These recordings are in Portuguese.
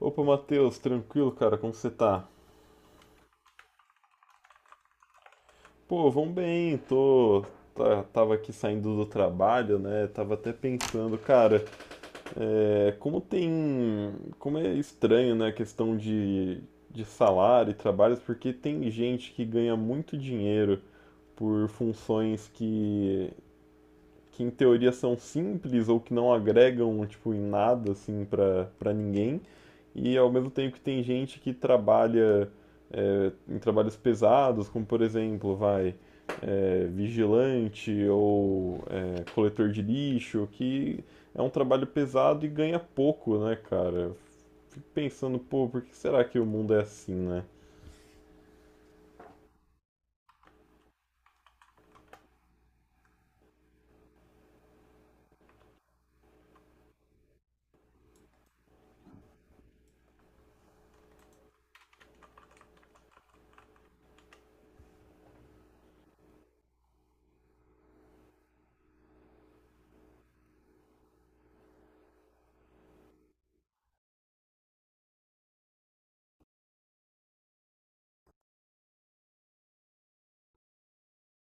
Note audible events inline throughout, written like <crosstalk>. Opa, Matheus, tranquilo, cara? Como você tá? Pô, vão bem, tô. Tava aqui saindo do trabalho, né? Tava até pensando, cara, como tem. Como é estranho, né, a questão de salário e trabalhos, porque tem gente que ganha muito dinheiro por funções que em teoria são simples ou que não agregam tipo em nada assim para ninguém e ao mesmo tempo que tem gente que trabalha em trabalhos pesados como por exemplo vai vigilante ou coletor de lixo que é um trabalho pesado e ganha pouco, né, cara? Fico pensando, pô, por que será que o mundo é assim, né?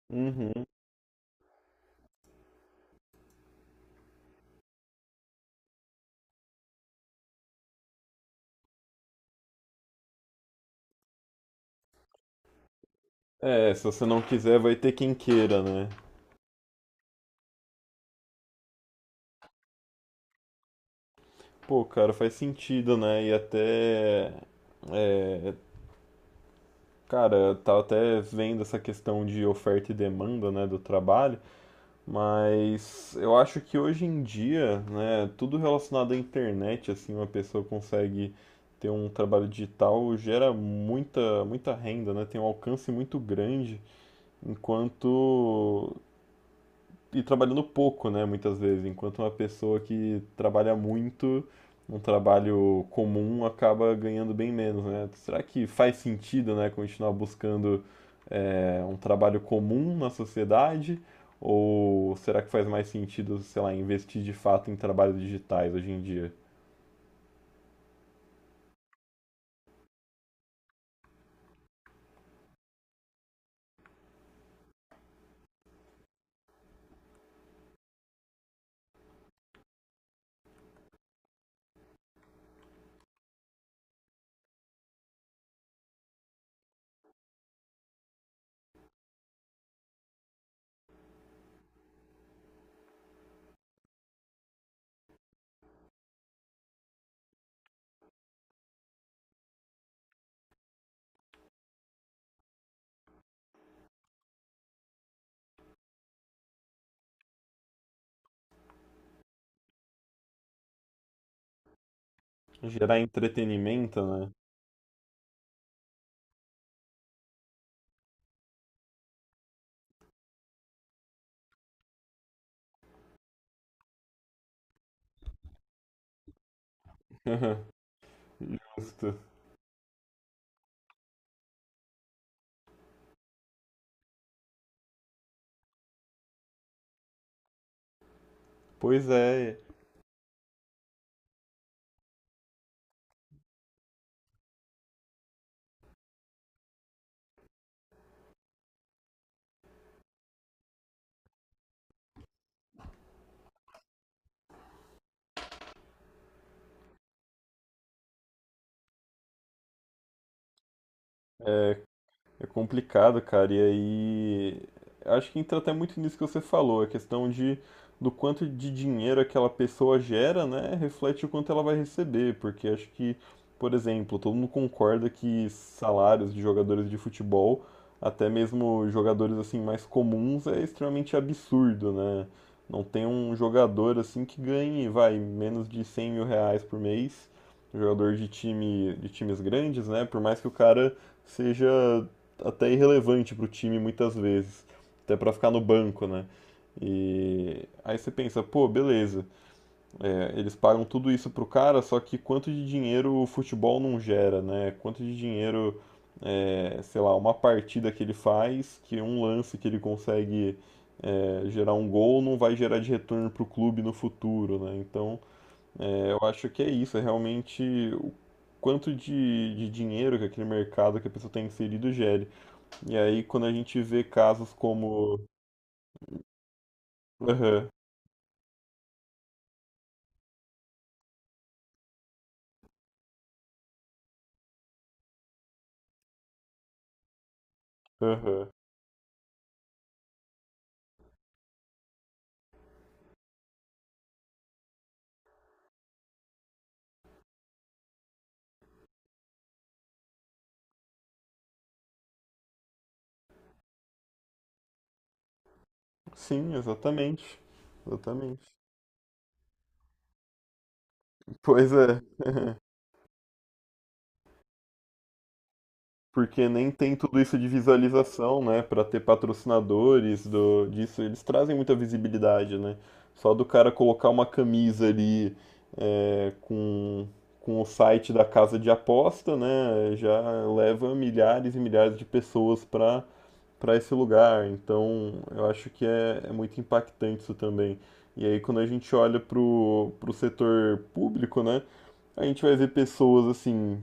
Uhum. É, se você não quiser, vai ter quem queira, né? Pô, cara, faz sentido, né? E até... Cara, eu tava até vendo essa questão de oferta e demanda, né, do trabalho, mas eu acho que hoje em dia, né, tudo relacionado à internet, assim, uma pessoa consegue ter um trabalho digital, gera muita, muita renda, né, tem um alcance muito grande, enquanto e trabalhando pouco, né, muitas vezes, enquanto uma pessoa que trabalha muito, um trabalho comum, acaba ganhando bem menos, né? Será que faz sentido, né, continuar buscando um trabalho comum na sociedade? Ou será que faz mais sentido, sei lá, investir de fato em trabalhos digitais hoje em dia? Gerar entretenimento, né? <laughs> Justo. Pois é, é, é complicado, cara. E aí, acho que entra até muito nisso que você falou, a questão de do quanto de dinheiro aquela pessoa gera, né, reflete o quanto ela vai receber, porque acho que, por exemplo, todo mundo concorda que salários de jogadores de futebol, até mesmo jogadores assim mais comuns, é extremamente absurdo, né? Não tem um jogador assim que ganhe, vai, menos de R$ 100.000 por mês, jogador de time, de times grandes, né? Por mais que o cara seja até irrelevante para o time muitas vezes, até para ficar no banco, né? E aí você pensa, pô, beleza, eles pagam tudo isso pro cara, só que quanto de dinheiro o futebol não gera, né? Quanto de dinheiro, sei lá, uma partida que ele faz, que um lance que ele consegue gerar um gol, não vai gerar de retorno pro clube no futuro, né? Então, eu acho que é isso, é realmente o quanto de dinheiro que aquele mercado que a pessoa tem inserido gere. E aí, quando a gente vê casos como... Aham, aham. Sim, exatamente. Exatamente. Pois é. <laughs> Porque nem tem tudo isso de visualização, né? Pra ter patrocinadores do, disso. Eles trazem muita visibilidade, né? Só do cara colocar uma camisa ali é, com, com o site da casa de aposta, né? Já leva milhares e milhares de pessoas pra para esse lugar. Então, eu acho que é, é muito impactante isso também. E aí, quando a gente olha pro, pro setor público, né, a gente vai ver pessoas assim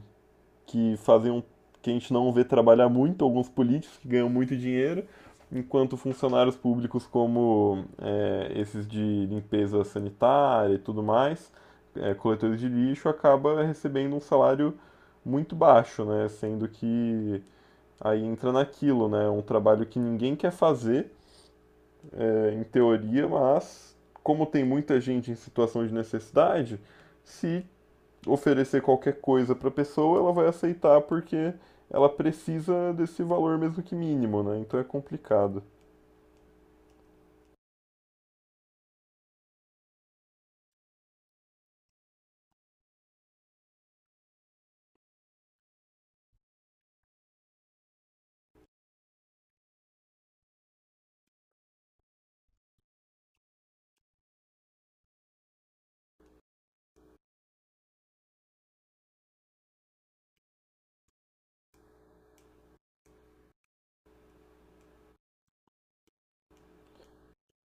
que fazem um, que a gente não vê trabalhar muito, alguns políticos que ganham muito dinheiro, enquanto funcionários públicos como esses de limpeza sanitária e tudo mais, coletores de lixo, acaba recebendo um salário muito baixo, né, sendo que... Aí entra naquilo, né? Um trabalho que ninguém quer fazer, em teoria, mas como tem muita gente em situação de necessidade, se oferecer qualquer coisa para a pessoa, ela vai aceitar porque ela precisa desse valor, mesmo que mínimo, né? Então é complicado.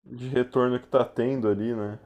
De retorno que tá tendo ali, né?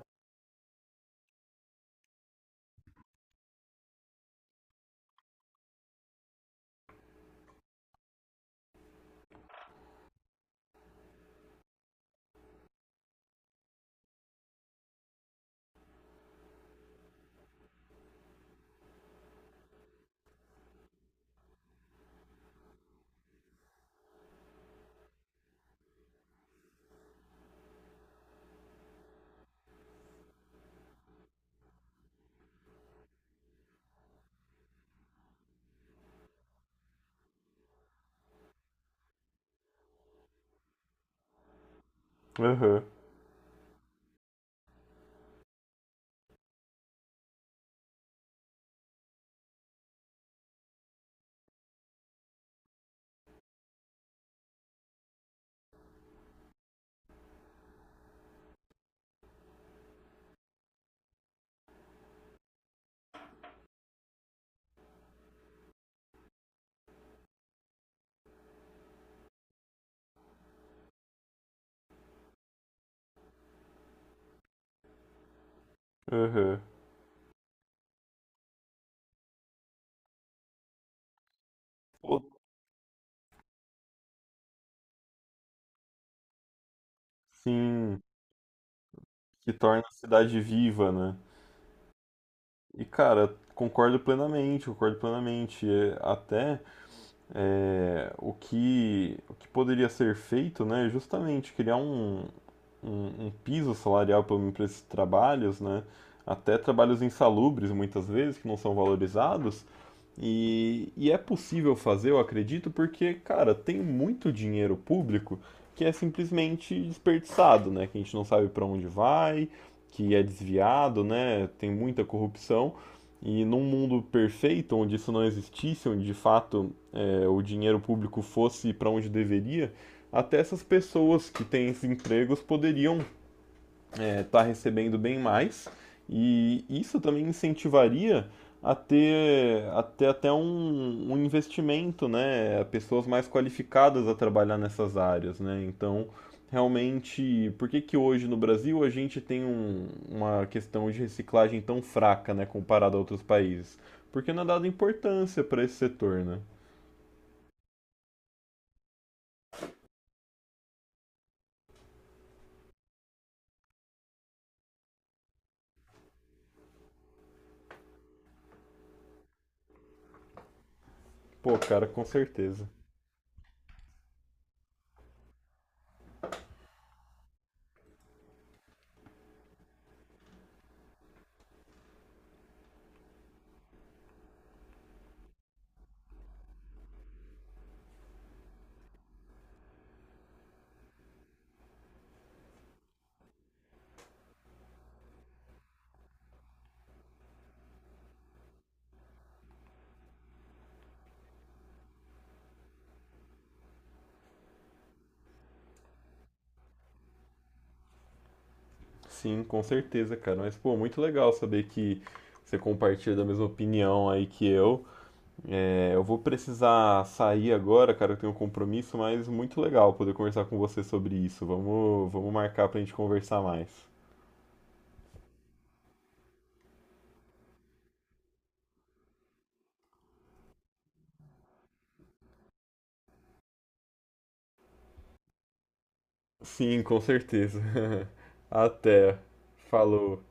Aham, aham. Pô... Sim, que torna a cidade viva, né? E cara, concordo plenamente, concordo plenamente. É, até o que poderia ser feito, né, é justamente criar um, um, um piso salarial para esses trabalhos, né, até trabalhos insalubres muitas vezes, que não são valorizados, e é possível fazer, eu acredito, porque, cara, tem muito dinheiro público que é simplesmente desperdiçado, né, que a gente não sabe para onde vai, que é desviado, né, tem muita corrupção, e num mundo perfeito, onde isso não existisse, onde de fato o dinheiro público fosse para onde deveria, até essas pessoas que têm esses empregos poderiam estar recebendo bem mais. E isso também incentivaria a ter até um, um investimento, né? Pessoas mais qualificadas a trabalhar nessas áreas, né? Então, realmente, por que que hoje no Brasil a gente tem uma questão de reciclagem tão fraca, né? Comparado a outros países? Porque não é dada importância para esse setor, né? Pô, cara, com certeza. Sim, com certeza, cara. Mas, pô, muito legal saber que você compartilha da mesma opinião aí que eu. É, eu vou precisar sair agora, cara, eu tenho um compromisso, mas muito legal poder conversar com você sobre isso. Vamos, vamos marcar pra gente conversar mais. Sim, com certeza. <laughs> Até. Falou.